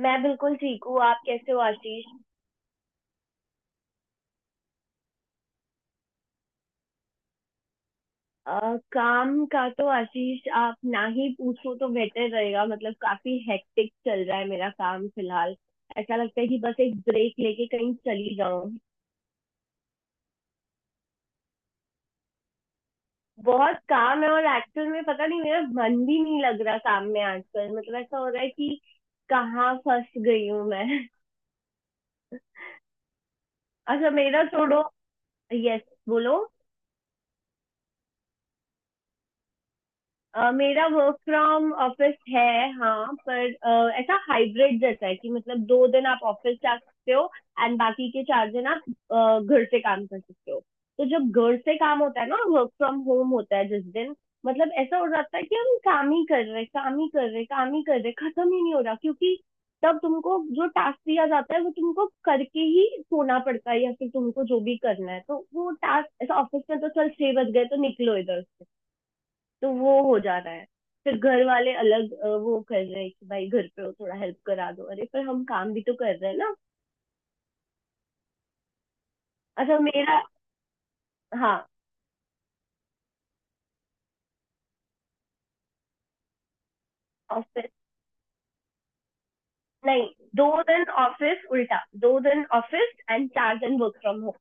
मैं बिल्कुल ठीक हूँ। आप कैसे हो, आशीष? काम का तो, आशीष, आप ना ही पूछो तो बेहतर रहेगा। मतलब काफी हेक्टिक चल रहा है मेरा काम फिलहाल। ऐसा लगता है कि बस एक ब्रेक लेके कहीं चली जाऊं। बहुत काम है, और एक्चुअल में पता नहीं, मेरा मन भी नहीं लग रहा काम में आजकल। मतलब ऐसा हो रहा है कि कहाँ फंस गई हूँ मैं। अच्छा, मेरा छोड़ो। यस, बोलो। मेरा वर्क फ्रॉम ऑफिस है। हाँ, पर ऐसा हाइब्रिड जैसा है कि मतलब 2 दिन आप ऑफिस जा सकते हो। एंड बाकी के 4 दिन आप घर से काम कर सकते हो। तो जब घर से काम होता है ना, वर्क फ्रॉम होम होता है जिस दिन, मतलब ऐसा हो जाता है कि हम काम ही कर रहे, काम ही कर रहे, काम ही कर रहे, खत्म ही नहीं हो रहा, क्योंकि तब तुमको जो टास्क दिया जाता है वो तुमको करके ही सोना पड़ता है। या फिर तुमको जो भी करना है, तो वो टास्क ऐसा ऑफिस में तो चल, 6 बज गए तो निकलो इधर से। तो वो हो जा रहा है। फिर घर वाले अलग वो कर रहे हैं कि भाई घर पे हो थोड़ा हेल्प करा दो। अरे पर हम काम भी तो कर रहे हैं ना। अच्छा मेरा। हाँ। ऑफिस। नहीं, 2 दिन ऑफिस, उल्टा 2 दिन ऑफिस एंड 4 दिन वर्क फ्रॉम होम।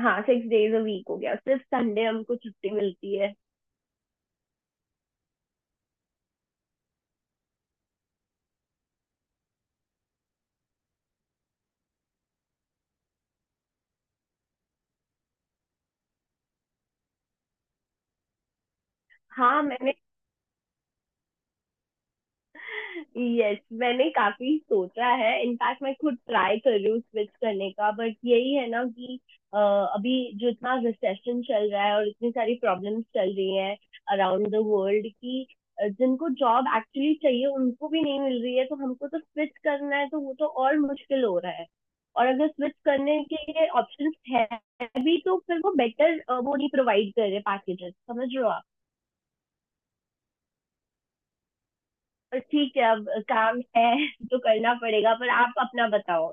हाँ, 6 डेज अ वीक हो गया, सिर्फ संडे हमको छुट्टी मिलती है। हाँ मैंने यस, मैंने काफी सोचा है। इनफैक्ट मैं खुद ट्राई कर रही हूँ स्विच करने का, बट यही है ना कि अभी जो इतना रिसेशन चल रहा है और इतनी सारी प्रॉब्लम्स चल रही हैं अराउंड द वर्ल्ड की, जिनको जॉब एक्चुअली चाहिए उनको भी नहीं मिल रही है, तो हमको तो स्विच करना है तो वो तो और मुश्किल हो रहा है। और अगर स्विच करने के लिए ऑप्शंस है भी, तो फिर वो बेटर वो नहीं प्रोवाइड कर रहे पैकेजेस। समझ रहे हो आप? ठीक है, अब काम है तो करना पड़ेगा। पर आप अपना बताओ।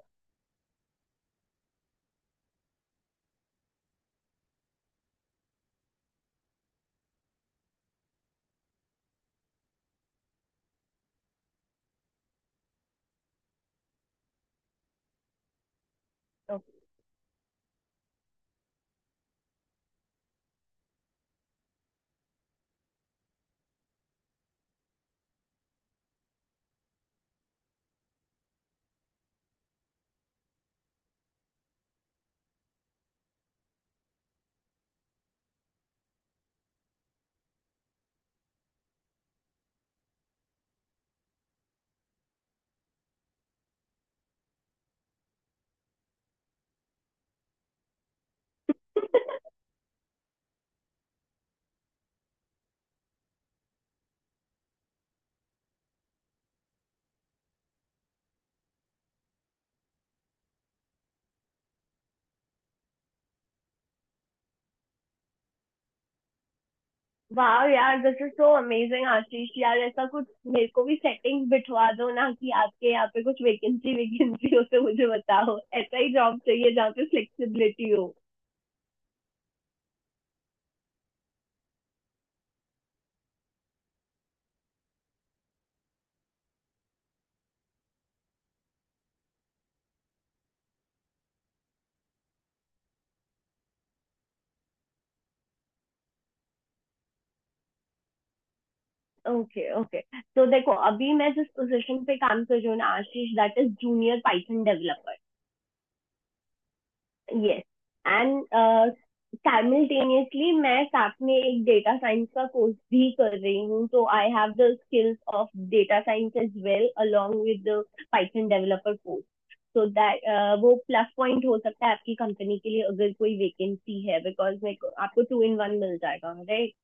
वाह यार, this is so amazing. Ashish यार, ऐसा कुछ मेरे को भी सेटिंग्स बिठवा दो ना कि आपके यहाँ पे कुछ वैकेंसी वैकेंसी हो तो मुझे बताओ। ऐसा ही जॉब चाहिए जहाँ पे फ्लेक्सिबिलिटी हो। Okay, okay. तो देखो, अभी मैं जिस पोजीशन पे काम कर रही हूँ ना Ashish, that is junior Python developer. Yes. And simultaneously मैं साथ में एक डेटा साइंस का कोर्स भी कर रही हूँ, तो I have the skills of data science as well along with the Python developer course. So that वो प्लस पॉइंट हो सकता है आपकी कंपनी के लिए अगर कोई वेकेंसी है, बिकॉज मेरे को आपको टू इन वन मिल जाएगा, राइट?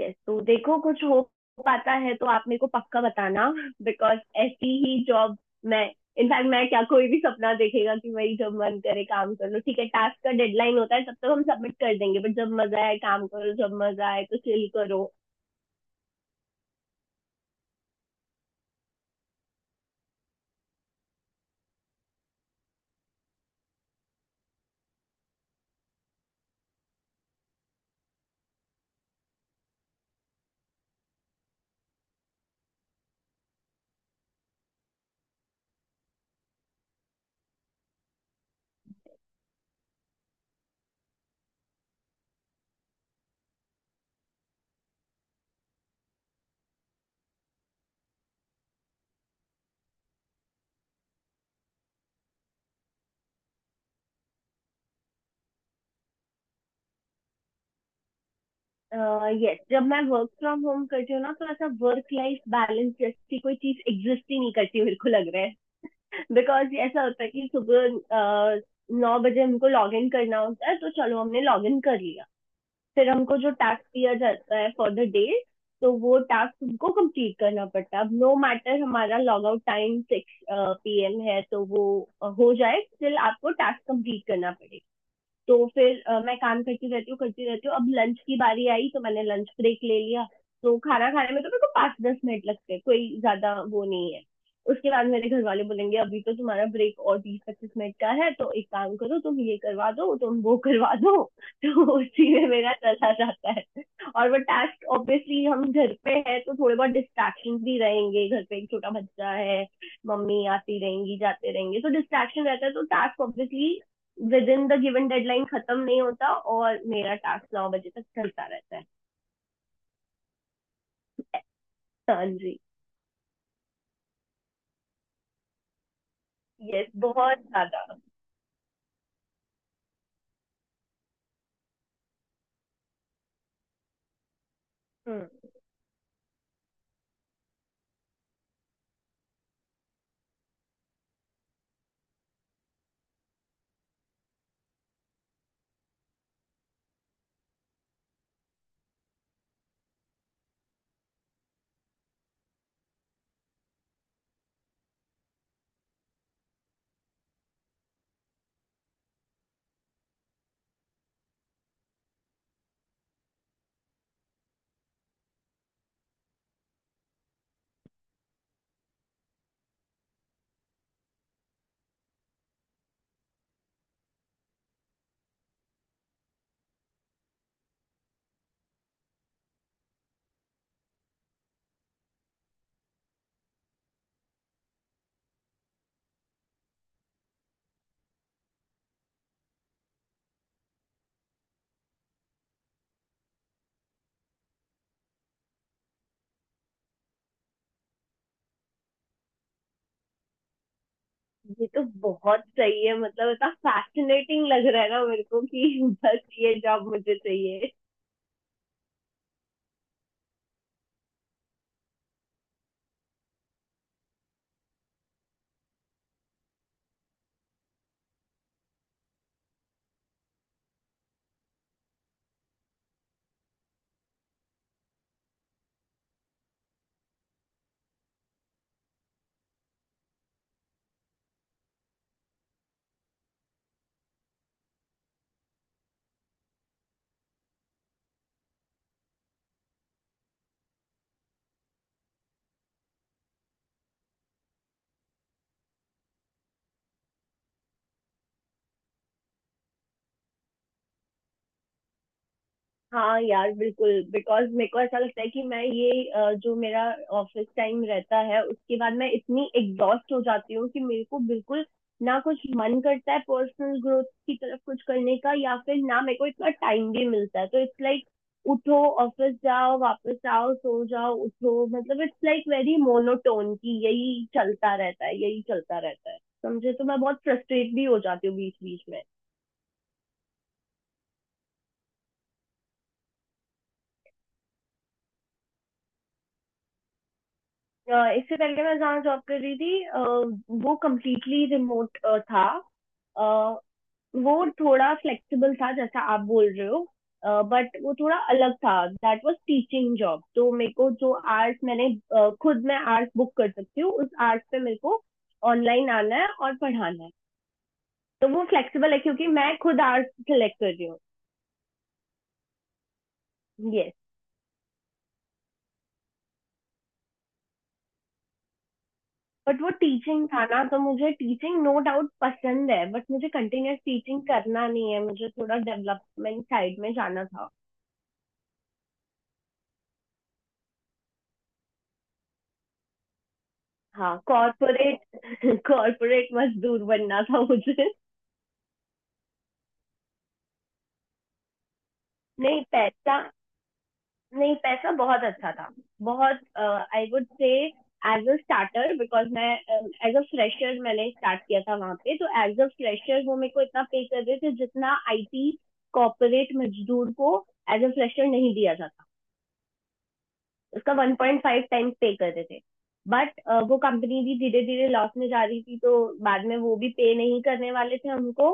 यस, तो देखो कुछ हो पाता है तो आप मेरे को पक्का बताना, बिकॉज ऐसी ही जॉब मैं इनफैक्ट मैं क्या, कोई भी सपना देखेगा कि मेरी जब मन करे काम कर लो, ठीक है, टास्क का डेडलाइन होता है तब तक हम सबमिट कर देंगे, बट जब मजा आए काम करो, जब मजा आए तो चिल करो। यस, जब मैं वर्क फ्रॉम होम करती हूँ ना, तो ऐसा वर्क लाइफ बैलेंस जैसी कोई चीज एग्जिस्ट ही नहीं करती, मेरे को लग रहा है। बिकॉज ऐसा होता है कि सुबह 9 बजे हमको लॉग इन करना होता है, तो चलो हमने लॉग इन कर लिया। फिर हमको जो टास्क दिया जाता है फॉर द डे, तो वो टास्क हमको कंप्लीट करना पड़ता है। अब नो मैटर हमारा लॉग आउट टाइम 6 PM है तो वो हो जाए, स्टिल आपको टास्क कंप्लीट करना पड़ेगा। तो फिर मैं काम करती रहती हूँ, करती रहती हूँ। अब लंच की बारी आई तो मैंने लंच ब्रेक ले लिया। तो खाना खाने में तो मेरे को 5-10 मिनट लगते हैं, कोई ज्यादा वो नहीं है। उसके बाद मेरे घर वाले बोलेंगे अभी तो तुम्हारा ब्रेक और 20-25 मिनट का है, तो एक काम करो, तुम ये करवा दो, तुम वो करवा दो। तो उसी में मेरा चला जाता है। और वो टास्क ऑब्वियसली, हम घर पे है तो थोड़े बहुत डिस्ट्रैक्शन भी रहेंगे। घर पे एक छोटा बच्चा है, मम्मी आती रहेंगी जाते रहेंगे, तो डिस्ट्रैक्शन रहता है, तो task obviously within the given deadline खत्म नहीं होता, और मेरा टास्क 9 बजे तक चलता रहता है। हाँ जी। यस, बहुत ज्यादा। ये तो बहुत सही है, मतलब इतना फैसिनेटिंग लग रहा है ना मेरे को, कि बस ये जॉब मुझे चाहिए। हाँ यार, बिल्कुल। बिकॉज मेरे को ऐसा लगता है कि मैं ये जो मेरा ऑफिस टाइम रहता है उसके बाद मैं इतनी एग्जॉस्ट हो जाती हूँ कि मेरे को बिल्कुल ना कुछ मन करता है पर्सनल ग्रोथ की तरफ कुछ करने का, या फिर ना मेरे को इतना टाइम भी मिलता है। तो इट्स लाइक उठो, ऑफिस जाओ, वापस आओ, सो जाओ, उठो, मतलब इट्स लाइक वेरी मोनोटोन, की यही चलता रहता है, यही चलता रहता है, समझे? तो मैं बहुत फ्रस्ट्रेट भी हो जाती हूँ बीच बीच में। इससे पहले मैं जहाँ जॉब कर रही थी, वो कम्प्लीटली रिमोट था। अ, वो थोड़ा फ्लेक्सिबल था जैसा आप बोल रहे हो। बट वो थोड़ा अलग था, दैट वाज टीचिंग जॉब। तो मेरे को जो आर्ट्स मैंने खुद मैं आर्ट्स बुक कर सकती हूँ, उस आर्ट्स पे मेरे को ऑनलाइन आना है और पढ़ाना है। तो वो फ्लेक्सिबल है क्योंकि मैं खुद आर्ट्स सेलेक्ट कर रही हूँ। Yes। बट वो टीचिंग था ना, तो मुझे टीचिंग नो डाउट पसंद है, बट मुझे कंटिन्यूस टीचिंग करना नहीं है, मुझे थोड़ा डेवलपमेंट साइड में जाना था। हाँ। कॉर्पोरेट, कॉर्पोरेट मजदूर बनना था मुझे। नहीं पैसा नहीं, पैसा बहुत अच्छा था। बहुत। I would say as a starter, because मैं एज अ फ्रेशर मैंने स्टार्ट किया था वहां पे, तो एज अ फ्रेशर वो मेरे को इतना पे कर रहे थे जितना आईटी कॉर्पोरेट मजदूर को एज अ फ्रेशर नहीं दिया जाता। उसका 1.5 टाइम्स पे करते थे। बट वो कंपनी भी धीरे धीरे लॉस में जा रही थी, तो बाद में वो भी पे नहीं करने वाले थे हमको।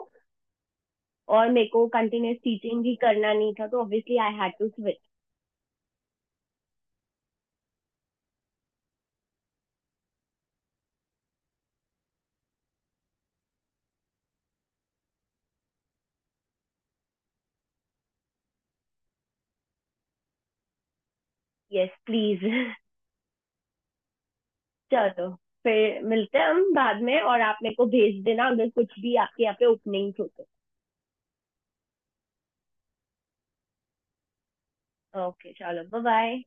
और मेरे को कंटिन्यूस टीचिंग भी करना नहीं था तो obviously I had to switch. Yes please. चलो, तो फिर मिलते हैं हम बाद में, और आप मेरे को भेज देना अगर कुछ भी आपके यहाँ पे ओपनिंग्स हो तो। ओके, चलो। Bye, bye.